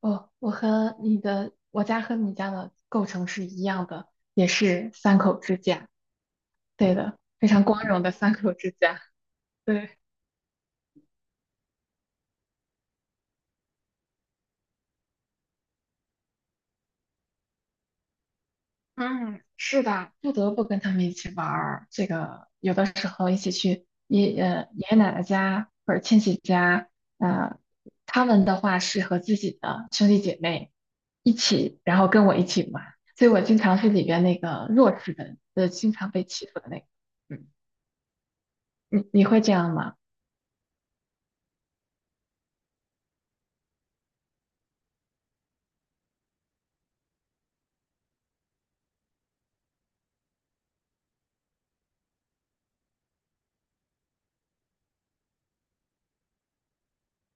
哦，我家和你家的构成是一样的，也是三口之家。对的，非常光荣的三口之家。对，嗯，是的，不得不跟他们一起玩儿。这个有的时候一起去爷爷奶奶家或者亲戚家，呃，他们的话是和自己的兄弟姐妹一起，然后跟我一起玩，所以我经常是里边那个弱势的，经常被欺负的那个。嗯，你会这样吗？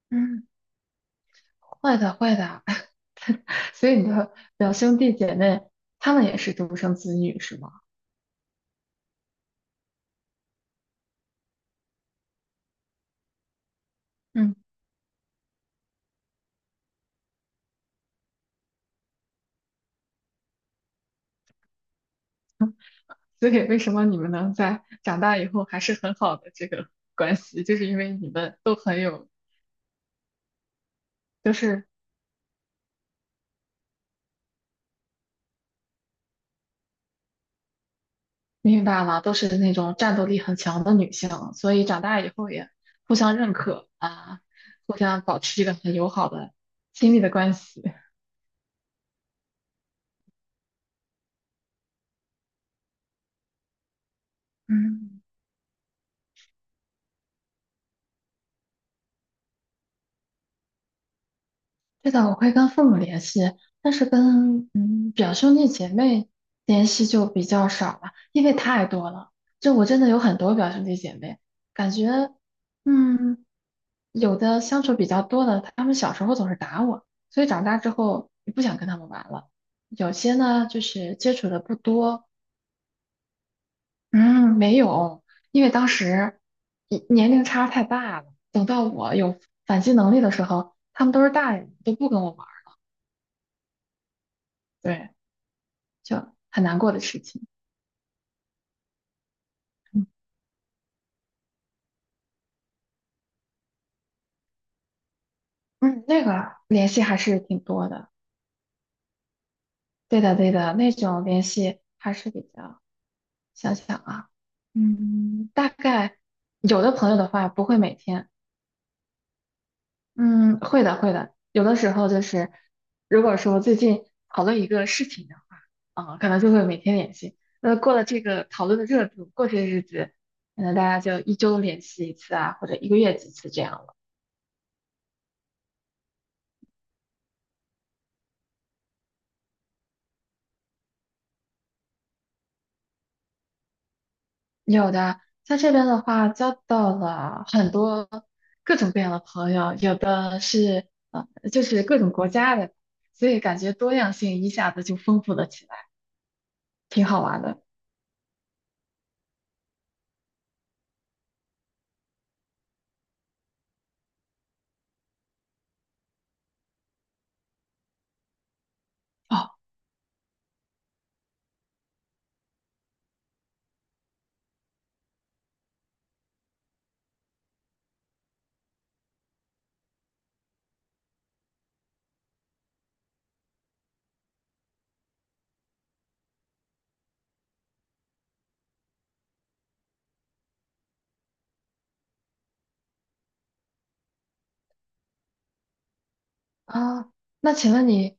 嗯。会的，会的。所以你的表兄弟姐妹，他们也是独生子女，是吗？嗯，所以为什么你们能在长大以后还是很好的这个 关系，就是因为你们都很有，就是明白了，都是那种战斗力很强的女性，所以长大以后也互相认可啊，互相保持一个很友好的亲密的关系。嗯。对的，我会跟父母联系，但是跟表兄弟姐妹联系就比较少了，因为太多了。这我真的有很多表兄弟姐妹，感觉嗯有的相处比较多的，他们小时候总是打我，所以长大之后也不想跟他们玩了。有些呢就是接触的不多，嗯没有，因为当时年龄差太大了。等到我有反击能力的时候，他们都是大人，都不跟我玩儿。对。就很难过的事情。嗯，嗯那个联系还是挺多的。对的，对的，那种联系还是比较，想想啊，大概有的朋友的话不会每天，嗯，会的，会的，有的时候就是，如果说最近讨论一个事情的话，啊，可能就会每天联系。那过了这个讨论的热度，过些日子，可能大家就一周联系一次啊，或者一个月几次这样了有的，在这边的话，交到了很多各种各样的朋友，有的是就是各种国家的，所以感觉多样性一下子就丰富了起来，挺好玩的。哦，啊，那请问你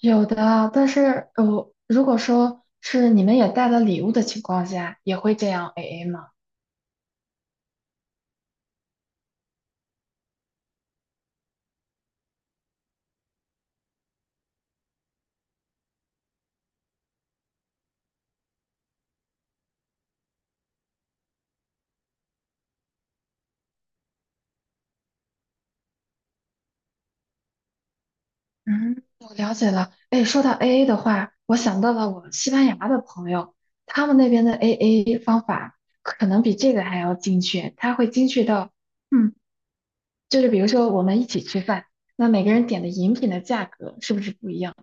有的，但是如果说是你们也带了礼物的情况下，也会这样 AA 吗？嗯，我了解了。哎，说到 AA 的话，我想到了我西班牙的朋友，他们那边的 AA 方法可能比这个还要精确。他会精确到，嗯，就是比如说我们一起吃饭，那每个人点的饮品的价格是不是不一样，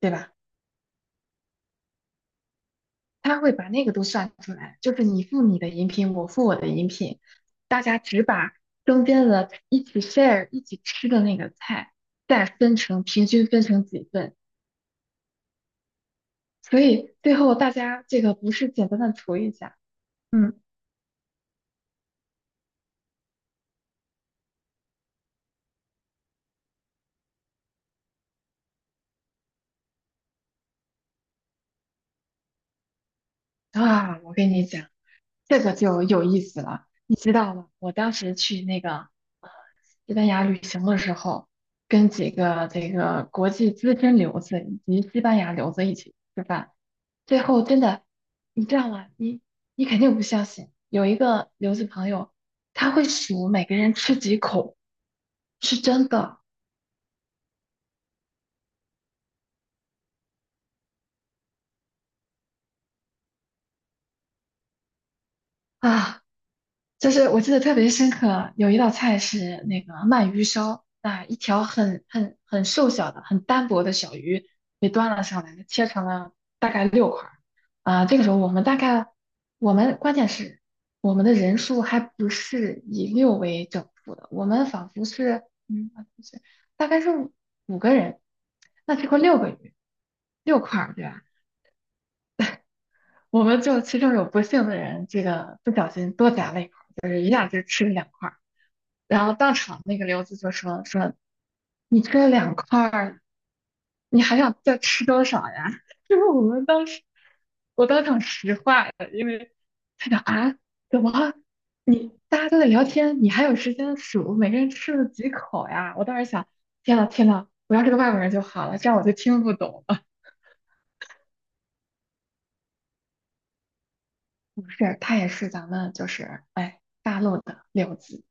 对吧？他会把那个都算出来，就是你付你的饮品，我付我的饮品，大家只把中间的一起 share 一起吃的那个菜再分成平均分成几份，所以最后大家这个不是简单的涂一下，嗯我跟你讲，这个就有意思了。你知道吗？我当时去那个西班牙旅行的时候，跟几个这个国际资深留子以及西班牙留子一起吃饭，最后真的，你知道吗？你肯定不相信，有一个留子朋友，他会数每个人吃几口，是真的啊。就是我记得特别深刻，有一道菜是那个鳗鱼烧，啊，一条很瘦小的、很单薄的小鱼被端了上来，切成了大概六块儿。啊，这个时候我们关键是我们的人数还不是以六为整数的，我们仿佛是，啊不是，大概是五个人，那这块六个鱼，六块儿，对吧？我们就其中有不幸的人，这个不小心多夹了一块儿。然后当场那个刘子就说你这两块儿，你还想再吃多少呀？就是我们当时，我当场石化了，因为他讲啊，怎么你大家都在聊天，你还有时间数每个人吃了几口呀？我当时想，天呐天呐，我要是个外国人就好了，这样我就听不懂了。是，他也是咱们就是哎大陆的刘子，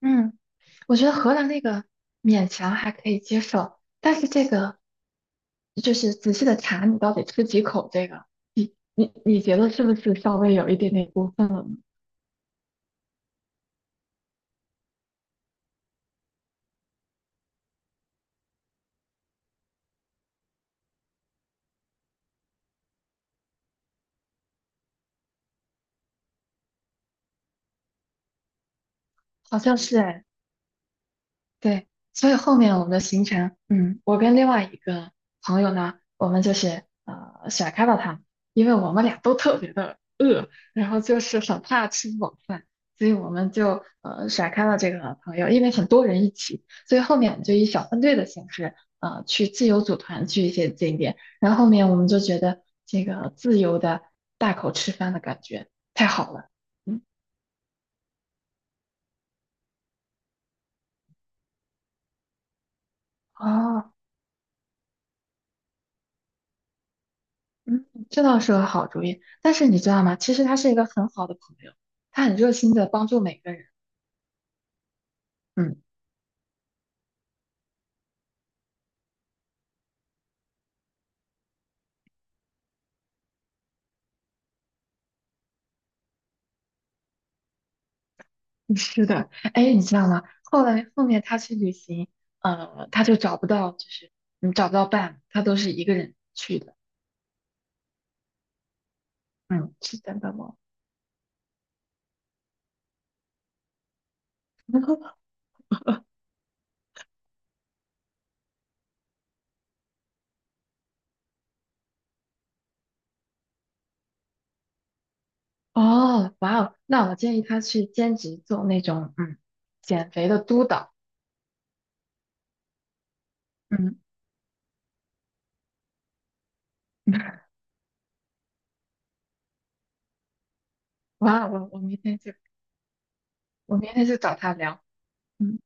嗯，我觉得荷兰那个勉强还可以接受，但是这个。就是仔细的查你到底吃几口这个，你觉得是不是稍微有一点点过分？好像是哎。对，所以后面我们的行程，我跟另外一个朋友呢，我们就是甩开了他们因为我们俩都特别的饿，然后就是很怕吃不饱饭，所以我们就甩开了这个朋友，因为很多人一起，所以后面我们就以小分队的形式，去自由组团去一些景点，然后后面我们就觉得这个自由的大口吃饭的感觉太好了，嗯。哦，嗯，这倒是个好主意。但是你知道吗？其实他是一个很好的朋友，他很热心的帮助每个人。嗯，是的。哎，你知道吗？后来后面他去旅行，他就找不到，就是找不到伴，他都是一个人去的。嗯，是真的吗？哦，哇哦，那我建议他去兼职做那种减肥的督导。嗯，哇哦，我明天明天就找他聊。嗯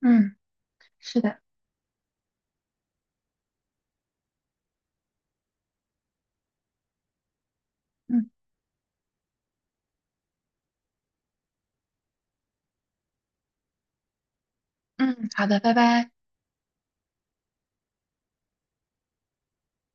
嗯，是的，嗯嗯，好的，拜拜。